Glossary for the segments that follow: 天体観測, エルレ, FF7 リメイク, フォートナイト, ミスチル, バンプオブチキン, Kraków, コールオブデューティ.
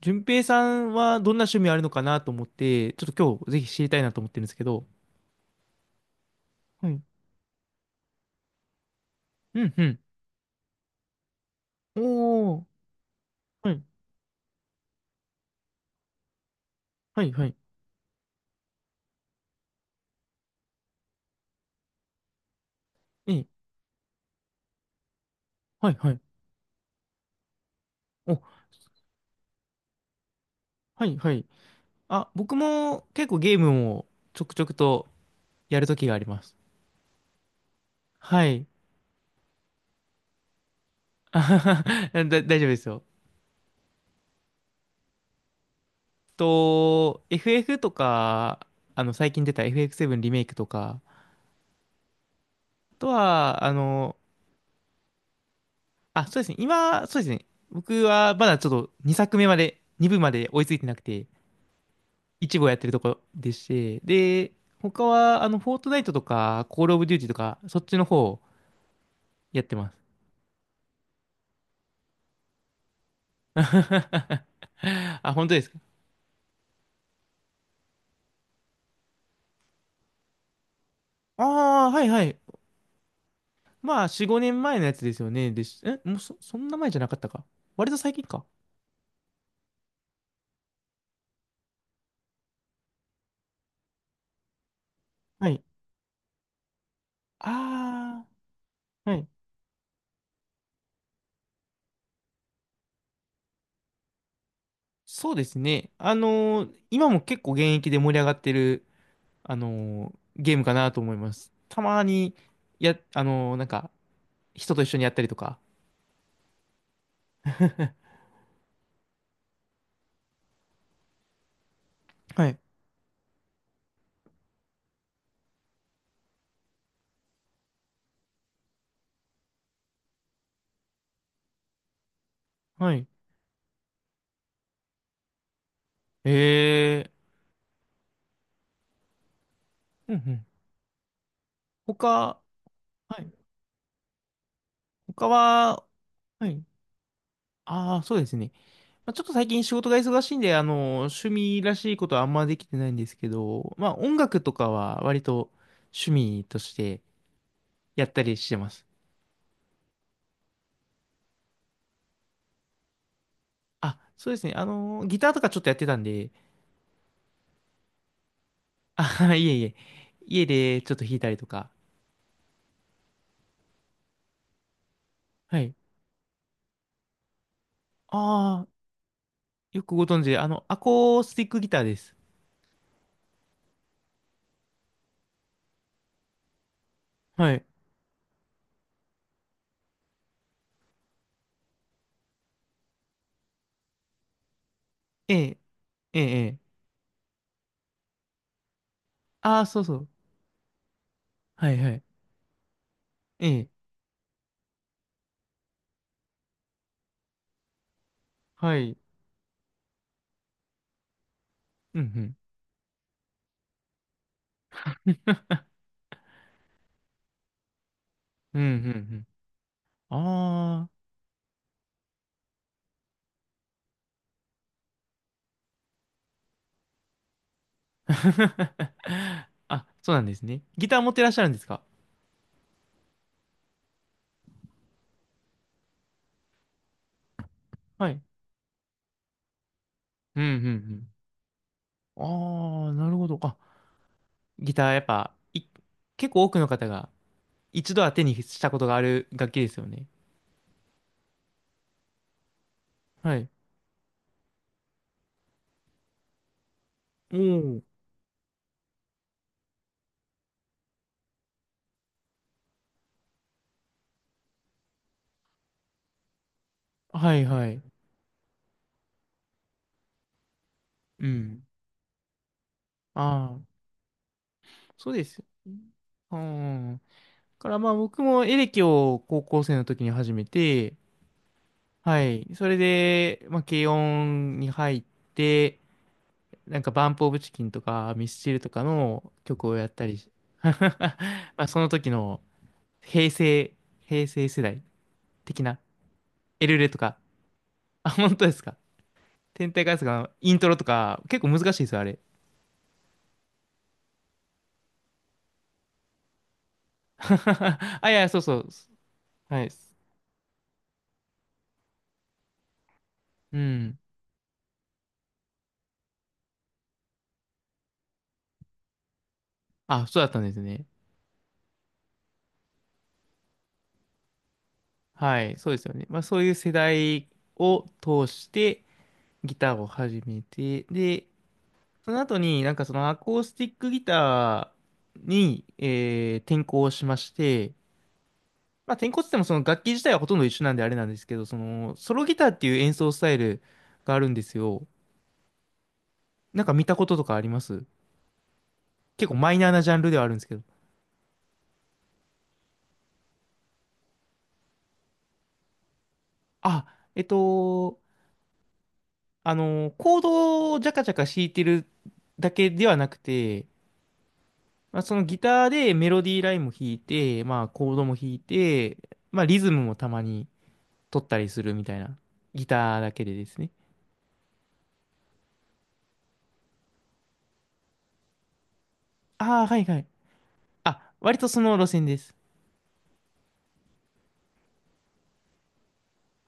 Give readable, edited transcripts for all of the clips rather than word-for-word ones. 順平さんはどんな趣味あるのかなと思って、ちょっと今日ぜひ知りたいなと思ってるんですけど。はい。うんうん。おー。はい。はい、はい。ええ。はい、はい。お、はい、はい。あ、僕も結構ゲームをちょくちょくとやるときがあります。はい。大丈夫ですよ。FF とか、最近出た FF7 リメイクとか、あとは、あ、そうですね。今、そうですね。僕はまだちょっと2作目まで、2部まで追いついてなくて、一部をやってるとこでして、で、他は、フォートナイトとか、コールオブデューティとか、そっちの方をやってます。あ、本当ですか？ああー、はいはい。まあ、4、5年前のやつですよね。え、もうそんな前じゃなかったか。割と最近か。はい。ああ、はい。そうですね。今も結構現役で盛り上がってる、あのーゲームかなと思います。たまに、や、あのーなんか、人と一緒にやったりとか。はい。はい。ええ。うんうん。他、はい。他は、はい。ああ、そうですね。まあ、ちょっと最近仕事が忙しいんで、趣味らしいことはあんまできてないんですけど、まあ、音楽とかは割と趣味としてやったりしてます。あ、そうですね。ギターとかちょっとやってたんで、あはは、いえいえ。家でちょっと弾いたりとか。はい。ああ、よくご存知で、アコースティックギターです。はい。ええ、ええ、ええ。ああ、そうそう。はいはい。ええ、はい。うんうん。うんうんうん。ああ。あ、そうなんですね。ギター持ってらっしゃるんですか？はい。うんうんうん。ああ、なるほど。あ、ギターやっぱ、結構多くの方が一度は手にしたことがある楽器ですよね。はい。おお。はいはい。うん。ああ、そうですよね。うん。からまあ僕もエレキを高校生の時に始めて、はい。それで、まあ軽音に入って、なんかバンプオブチキンとかミスチルとかの曲をやったりし まあその時の平成、平成世代的なエルレとか。あ、本当ですか。天体観測のイントロとか結構難しいですよ、あれ。あ、いや、そうそう。はい。うん。あ、そうだったんですね。はい、そうですよね。まあそういう世代を通してギターを始めて、で、その後に、なんかそのアコースティックギターに、転向しまして、まあ転向って言ってもその楽器自体はほとんど一緒なんであれなんですけど、そのソロギターっていう演奏スタイルがあるんですよ。なんか見たこととかあります？結構マイナーなジャンルではあるんですけど。あ、えっと、コードをジャカジャカ弾いてるだけではなくて、まあ、そのギターでメロディーラインも弾いて、まあコードも弾いて、まあリズムもたまに。撮ったりするみたいな。ギターだけでですね。ああ、はいはい。あ、割とその路線です。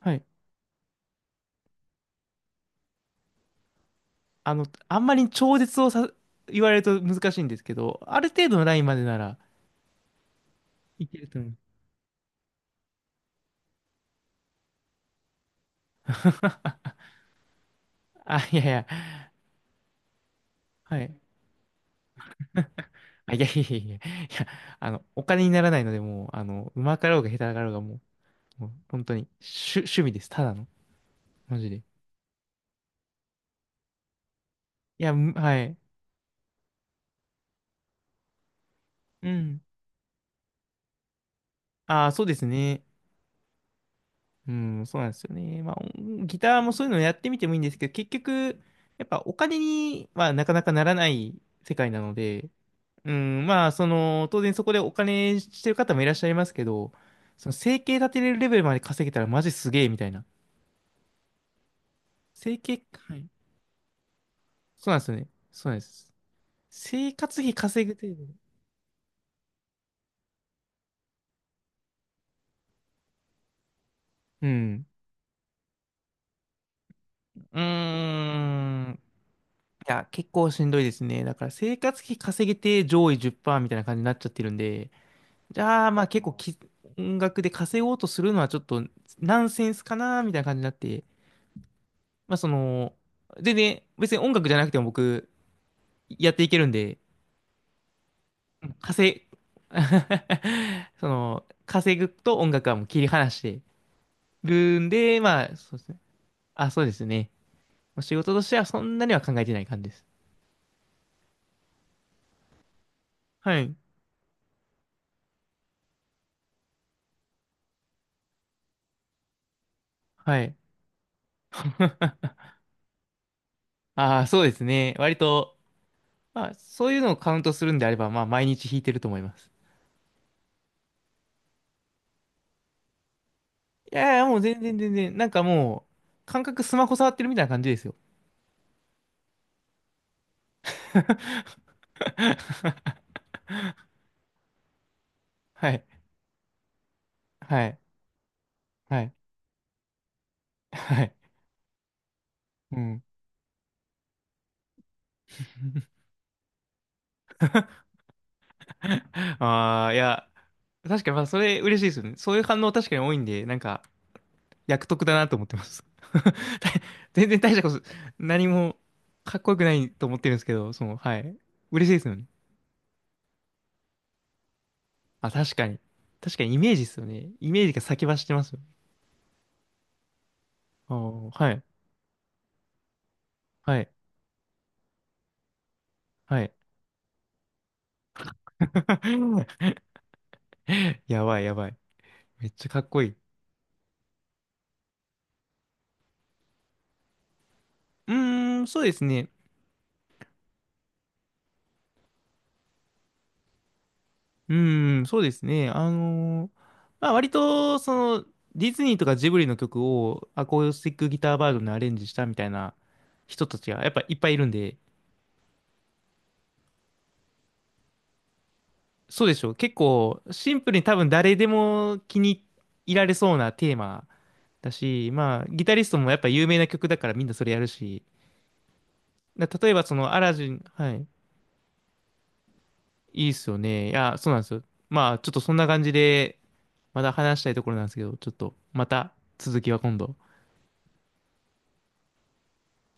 はい。あんまり超絶をさ、言われると難しいんですけど、ある程度のラインまでならいけると思う。あ、いやいや、はい。あ、いやいやいやいや、いや、お金にならないので、もう、うまかろうが下手だろうが、もう本当に、趣味です。ただの。マジで。いや、はい。うん。ああ、そうですね。うん、そうなんですよね。まあ、ギターもそういうのやってみてもいいんですけど、結局、やっぱお金にはなかなかならない世界なので、うん、まあ、当然そこでお金してる方もいらっしゃいますけど、その生計立てれるレベルまで稼げたらマジすげえみたいな。生計、はい。そうなんですよね。そうなんです。生活費稼ぐ程度。うん。うーん。いや、結構しんどいですね。だから生活費稼げて上位10%みたいな感じになっちゃってるんで、じゃあ、まあ結構き、音楽で稼ごうとするのはちょっとナンセンスかなみたいな感じになって、まあ全然別に音楽じゃなくても僕やっていけるんで、稼い、稼ぐと音楽はもう切り離してるんで、まあそうですね。あ、そうですね。仕事としてはそんなには考えてない感じです。はい。はい。ああ、そうですね。割と、まあそういうのをカウントするんであれば、まあ毎日弾いてると思います。いやいや、もう全然全然、なんかもう、感覚スマホ触ってるみたいな感じですよ。はい。はい。はい。はい。うん。ああ、いや、確かに、まあ、それ嬉しいですよね。そういう反応確かに多いんで、なんか、役得だなと思ってます。大全然大したこと、何もかっこよくないと思ってるんですけど、はい。嬉しいですよね。あ、確かに。確かにイメージですよね。イメージが先走ってますよね。ああ、はい。はい。はい。やばい、やばい。めっちゃかっこいい。うーん、そうですね。うーん、そうですね。まあ割と、の、ディズニーとかジブリの曲をアコースティックギターバージョンでアレンジしたみたいな人たちがやっぱいっぱいいるんで、そうでしょう。結構シンプルに多分誰でも気に入られそうなテーマだし、まあギタリストもやっぱ有名な曲だからみんなそれやるし、例えばそのアラジン、はい。いいっすよね。いや、そうなんですよ。まあ、ちょっとそんな感じで、まだ話したいところなんですけど、ちょっと、また続きは今度。